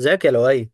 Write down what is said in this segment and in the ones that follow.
ذاك يا لؤي.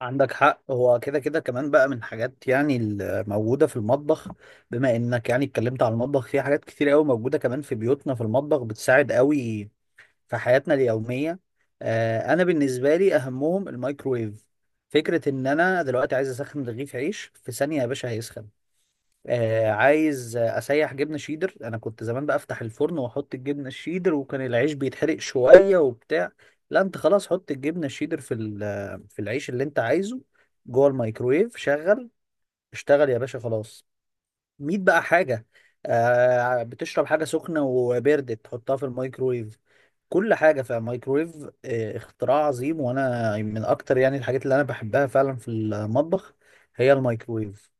عندك حق، هو كده كده كمان بقى من حاجات يعني الموجودة في المطبخ. بما انك يعني اتكلمت على المطبخ، في حاجات كتير قوي موجودة كمان في بيوتنا في المطبخ، بتساعد قوي في حياتنا اليومية. انا بالنسبة لي اهمهم الميكرويف. فكرة ان انا دلوقتي عايز اسخن رغيف عيش في ثانية، يا باشا هيسخن. عايز اسيح جبنه شيدر، انا كنت زمان بفتح الفرن واحط الجبنه الشيدر وكان العيش بيتحرق شويه وبتاع. لا انت خلاص، حط الجبنه الشيدر في العيش اللي انت عايزه جوه الميكرويف، شغل اشتغل يا باشا، خلاص ميت بقى حاجه. بتشرب حاجه سخنه وبردت، تحطها في الميكرويف، كل حاجه في الميكرويف. اختراع عظيم، وانا من اكتر يعني الحاجات اللي انا بحبها فعلا في المطبخ هي الميكرويف.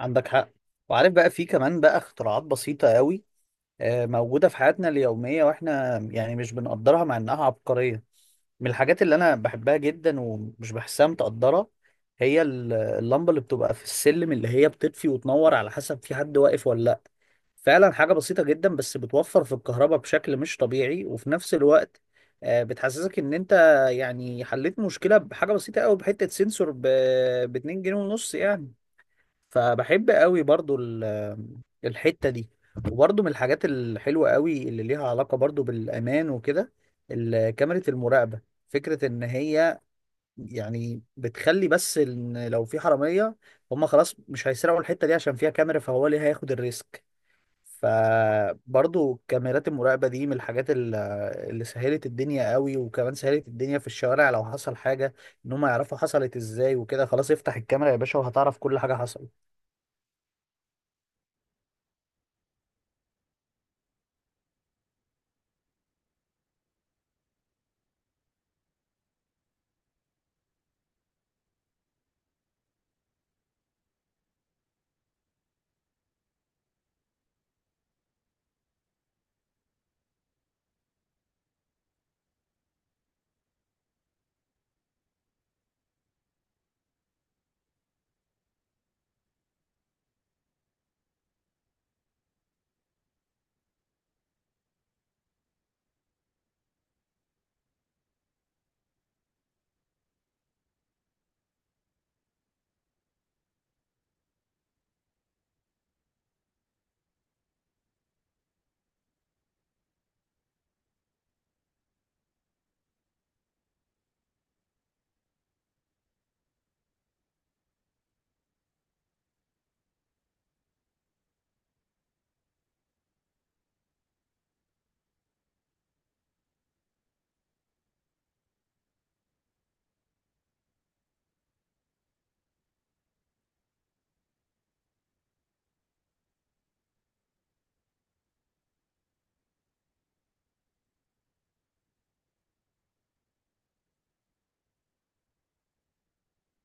عندك حق. وعارف بقى في كمان بقى اختراعات بسيطة قوي موجودة في حياتنا اليومية، واحنا يعني مش بنقدرها مع انها عبقرية. من الحاجات اللي انا بحبها جدا ومش بحسها متقدرة، هي اللمبة اللي بتبقى في السلم، اللي هي بتطفي وتنور على حسب في حد واقف ولا لا. فعلا حاجة بسيطة جدا، بس بتوفر في الكهرباء بشكل مش طبيعي، وفي نفس الوقت بتحسسك ان انت يعني حليت مشكلة بحاجة بسيطة قوي، بحتة سنسور ب 2 جنيه ونص يعني. فبحب قوي برضو الحتة دي. وبرضو من الحاجات الحلوة قوي اللي ليها علاقة برضو بالأمان وكده، كاميرا المراقبة. فكرة إن هي يعني بتخلي بس إن لو في حرامية، هما خلاص مش هيسرقوا الحتة دي عشان فيها كاميرا، فهو اللي هياخد الريسك. فبرضو كاميرات المراقبة دي من الحاجات اللي سهلت الدنيا قوي، وكمان سهلت الدنيا في الشوارع لو حصل حاجة، إن هما يعرفوا حصلت إزاي وكده، خلاص افتح الكاميرا يا باشا وهتعرف كل حاجة حصلت.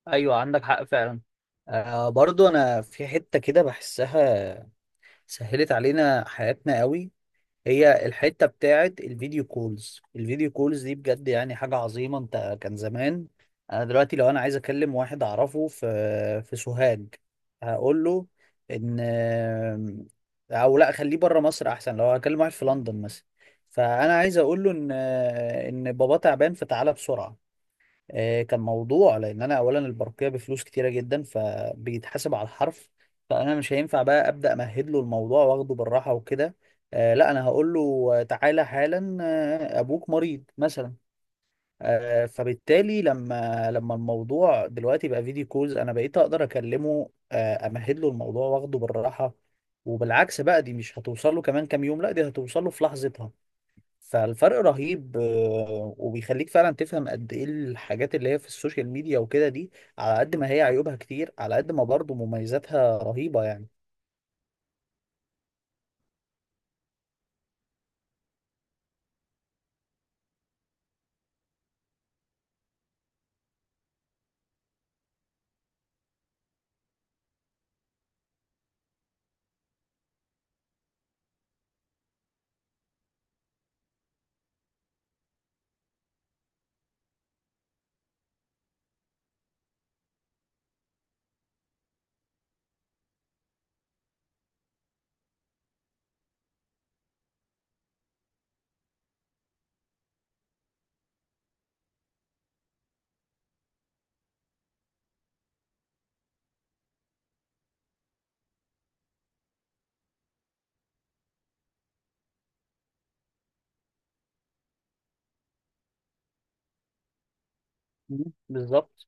ايوه، عندك حق فعلا. برضو انا في حته كده بحسها سهلت علينا حياتنا قوي، هي الحته بتاعت الفيديو كولز. الفيديو كولز دي بجد يعني حاجه عظيمه. انت كان زمان، انا دلوقتي لو انا عايز اكلم واحد اعرفه في سوهاج هقول له ان، او لا خليه بره مصر احسن، لو هكلم واحد في لندن مثلا، فانا عايز اقول له ان بابا تعبان فتعالى بسرعه. كان موضوع، لان انا اولا البرقيه بفلوس كتيره جدا، فبيتحاسب على الحرف، فانا مش هينفع بقى ابدا امهد له الموضوع واخده بالراحه وكده. لا انا هقول له تعالى حالا، ابوك مريض مثلا. فبالتالي لما الموضوع دلوقتي بقى فيديو كولز، انا بقيت اقدر اكلمه، امهد له الموضوع واخده بالراحه، وبالعكس بقى دي مش هتوصل له كمان كام يوم، لا دي هتوصل له في لحظتها. فالفرق رهيب، وبيخليك فعلا تفهم قد ايه الحاجات اللي هي في السوشيال ميديا وكده، دي على قد ما هي عيوبها كتير، على قد ما برضه مميزاتها رهيبة يعني. مم. بالظبط.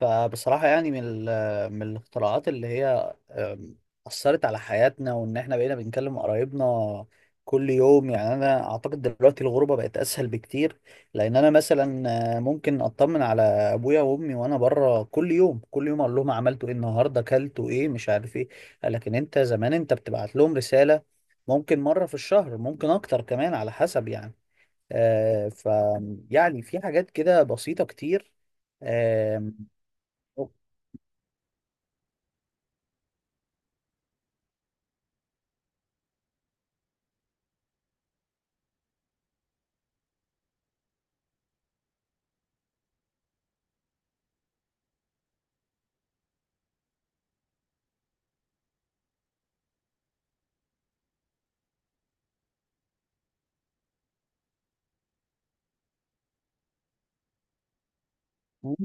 فبصراحة يعني من من الاختراعات اللي هي أثرت على حياتنا، وإن إحنا بقينا بنكلم قرايبنا كل يوم، يعني أنا أعتقد دلوقتي الغربة بقت أسهل بكتير، لأن أنا مثلا ممكن أطمن على أبويا وأمي وأنا بره كل يوم كل يوم، أقول لهم عملتوا إيه النهاردة أكلتوا إيه مش عارف إيه. لكن أنت زمان أنت بتبعت لهم رسالة ممكن مرة في الشهر ممكن أكتر كمان على حسب يعني. آه، ف يعني في حاجات كده بسيطة كتير. آم، مم.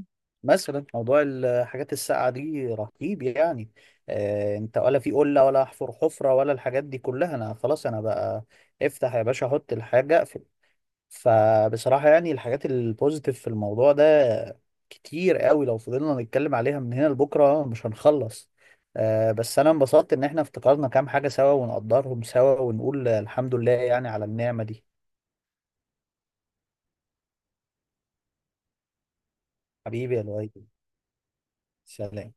مثلا موضوع الحاجات الساقعة دي رهيب يعني. انت ولا في قلة ولا احفر حفرة ولا الحاجات دي كلها، انا خلاص انا بقى افتح يا باشا احط الحاجة اقفل. فبصراحة يعني الحاجات البوزيتيف في الموضوع ده كتير قوي، لو فضلنا نتكلم عليها من هنا لبكرة مش هنخلص. بس انا انبسطت ان احنا افتكرنا كام حاجة سوا ونقدرهم سوا، ونقول الحمد لله يعني على النعمة دي. حبيبي يا لؤي، سلام.